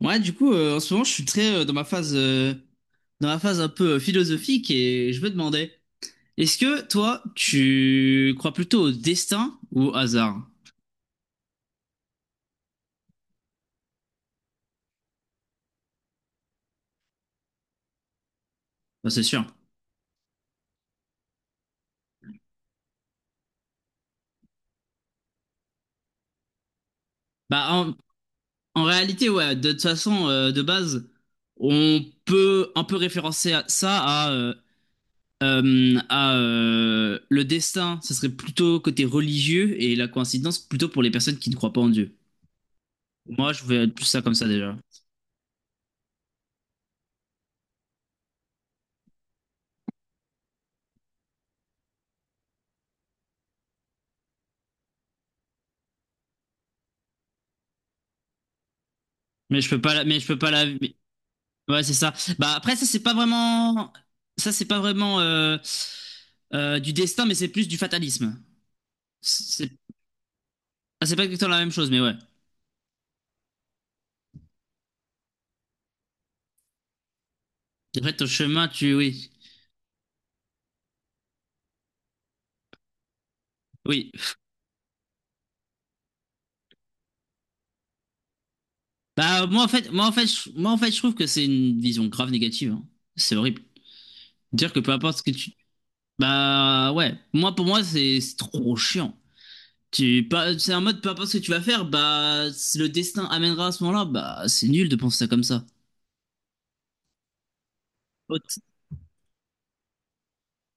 En ce moment, je suis très dans ma phase un peu philosophique et je me demandais, est-ce que toi, tu crois plutôt au destin ou au hasard? Bah, c'est sûr. Bah, en, En réalité, ouais, de toute façon, de base, on peut un peu ça à le destin, ça serait plutôt côté religieux et la coïncidence plutôt pour les personnes qui ne croient pas en Dieu. Moi, je vais plus ça comme ça déjà. Mais je peux pas la... Ouais, c'est ça. Bah après, ça c'est pas vraiment du destin, mais c'est plus du fatalisme. C'est Ah, c'est pas exactement la même chose, mais ouais. Après ton chemin, tu... oui. Oui. Bah moi en fait je, moi en fait je trouve que c'est une vision grave négative, hein. C'est horrible. Dire que peu importe ce que tu... bah ouais, moi pour moi c'est trop chiant. Tu pas c'est un mode peu importe ce que tu vas faire, bah si le destin amènera à ce moment-là, bah c'est nul de penser ça comme ça. Autre-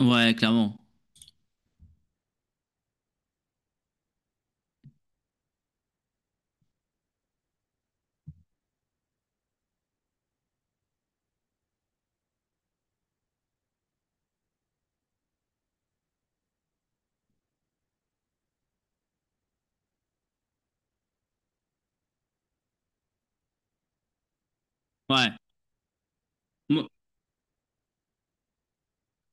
Ouais, clairement. Ouais.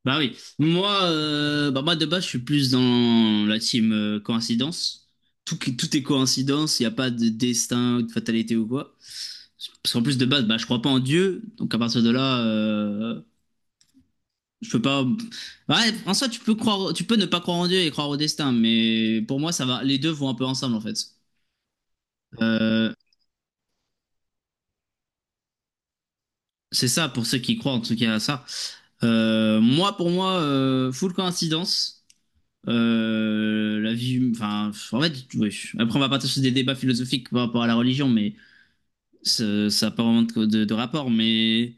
Bah oui, moi, bah moi de base, je suis plus dans la team coïncidence. Tout est coïncidence, il n'y a pas de destin ou de fatalité ou quoi. Parce qu'en plus de base, bah, je crois pas en Dieu, donc à partir de là, je peux pas. Ouais, en soi, tu peux croire, tu peux ne pas croire en Dieu et croire au destin, mais pour moi, ça va, les deux vont un peu ensemble en fait. Euh, c'est ça pour ceux qui croient en tout cas à ça. Moi, pour moi, full coïncidence. La vie, enfin, en fait, oui. Après, on va partir sur des débats philosophiques par rapport à la religion, mais ça n'a pas vraiment de rapport. Mais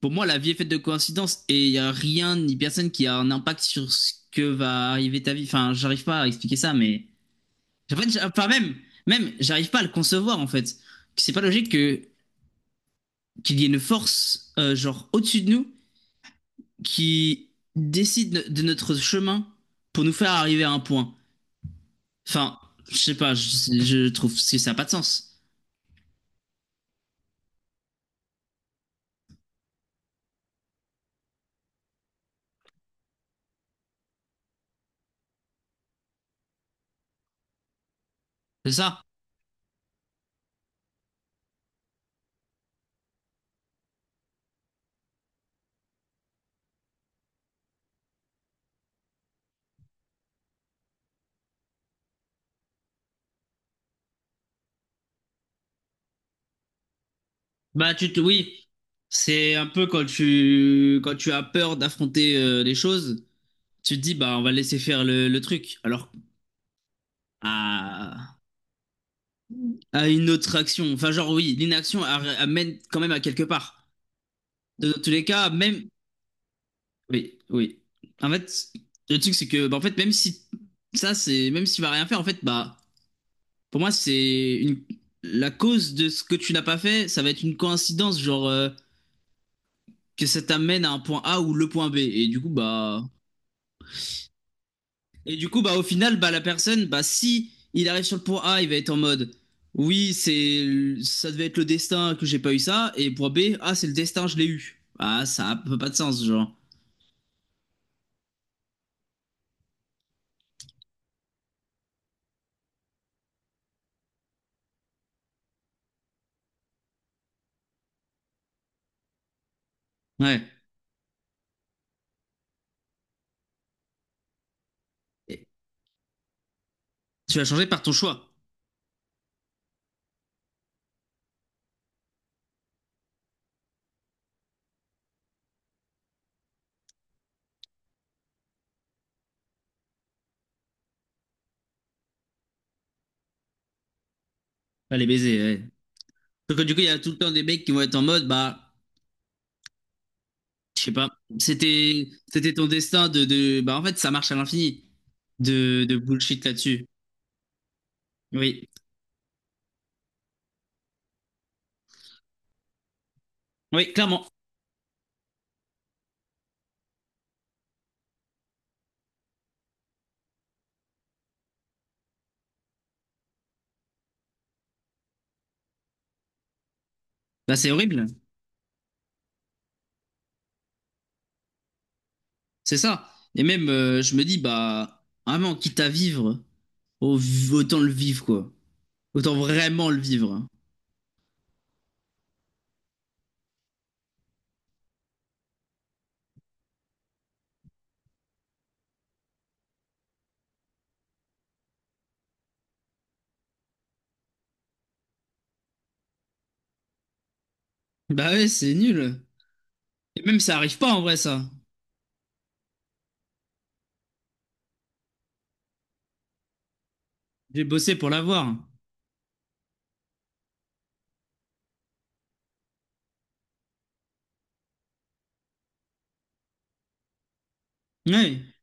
pour moi, la vie est faite de coïncidences et il n'y a rien ni personne qui a un impact sur ce que va arriver ta vie. Enfin, j'arrive pas à expliquer ça, mais en fait, enfin, même, j'arrive pas à le concevoir en fait. C'est pas logique que qu'il y ait une force, genre au-dessus de nous, qui décide de notre chemin pour nous faire arriver à un point. Enfin, je sais pas, je trouve que ça n'a pas de sens. C'est ça? Oui, c'est un peu quand tu as peur d'affronter les choses, tu te dis, bah, on va laisser faire le truc. Alors, à... à une autre action. Enfin, genre, oui, l'inaction amène quand même à quelque part. De- Dans tous les cas, même, oui, oui. En fait, le truc, c'est que, bah, en fait, même si ça, c'est, même s'il va rien faire, en fait, bah, pour moi, c'est une, la cause de ce que tu n'as pas fait, ça va être une coïncidence, genre, que ça t'amène à un point A ou le point B. Et du coup, bah. Et du coup, bah, au final, bah, la personne, bah, si il arrive sur le point A, il va être en mode... Oui, c'est ça devait être le destin que j'ai pas eu ça. Et point B, ah, c'est le destin, je l'ai eu. Ah, ça a peu pas de sens, genre. Ouais. Et tu vas changer par ton choix. Allez les baisers, ouais. Sauf que du coup, il y a tout le temps des mecs qui vont être en mode... Bah, je sais pas, c'était ton destin de... Bah, en fait, ça marche à l'infini de bullshit là-dessus. Oui. Oui, clairement. Bah, c'est horrible. C'est ça. Et même, je me dis, bah, vraiment, quitte à vivre, au- autant le vivre, quoi. Autant vraiment le vivre. Bah ouais, c'est nul. Et même, ça arrive pas, en vrai, ça. J'ai bossé pour l'avoir. Ouais.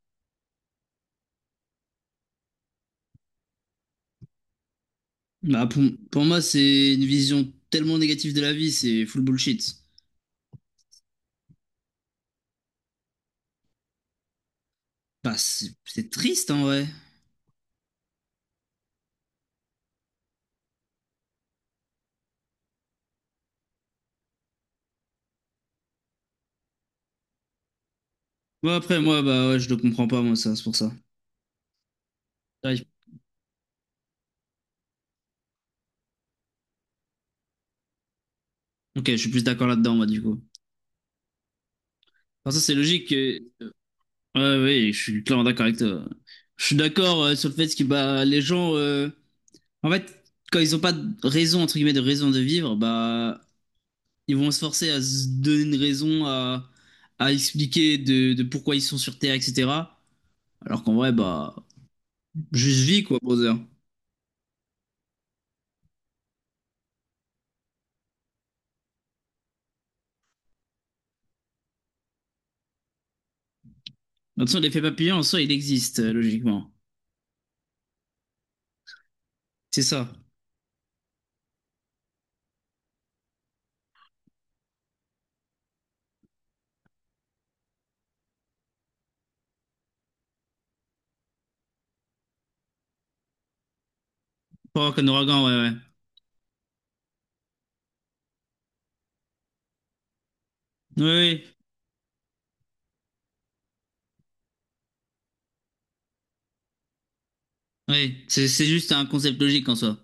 Bah, pour, pour moi, c'est une vision tellement négative de la vie, c'est full bullshit. Bah, c'est triste, en vrai. Moi, après, moi, bah, ouais, je le comprends pas, moi, ça, c'est pour ça. Ouais, ok, je suis plus d'accord là-dedans, moi, du coup. Enfin, ça, c'est logique. Ouais, ouais, ouais, je suis clairement d'accord avec toi. Je suis d'accord sur le fait que bah, les gens, en fait, quand ils n'ont pas de raison, entre guillemets, de raison de vivre, bah, ils vont se forcer à se donner une raison, à expliquer de pourquoi ils sont sur Terre, etc. Alors qu'en vrai, bah, juste vie, quoi, brother. De toute façon, l'effet papillon, en soi, il existe, logiquement. C'est ça. Pas avoir qu'un ouragan, ouais, ouais. Ouais, ouais. Ouais. C'est juste un concept logique en soi.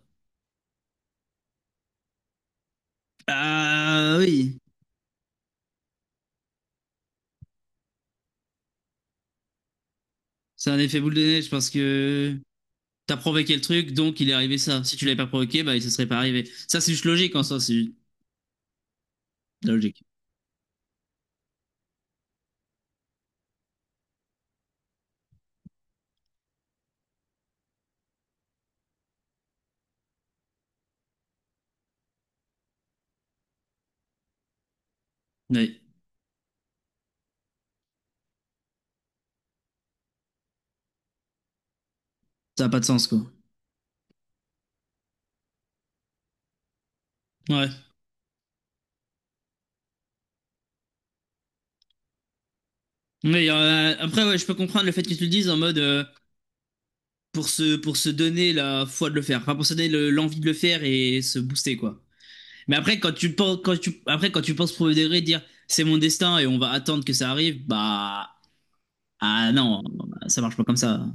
Ah oui, c'est un effet boule de neige parce que... T'as provoqué le truc, donc il est arrivé ça. Si tu l'avais pas provoqué, bah, il se serait pas arrivé. Ça, c'est juste logique en soi, c'est juste la logique. Mais ça a pas de sens, quoi. Ouais. Mais après, ouais, je peux comprendre le fait que tu le dises en mode pour se donner la foi de le faire. Enfin, pour se donner le- l'envie de le faire et se booster, quoi. Mais après, quand tu penses provoquer, dire c'est mon destin et on va attendre que ça arrive, bah, ah non, ça marche pas comme ça.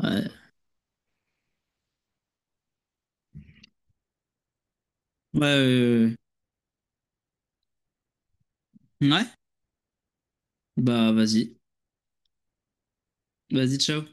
Ouais. Ouais, ouais, ouais, ouais. Ouais. Bah, vas-y. Vas-y, ciao.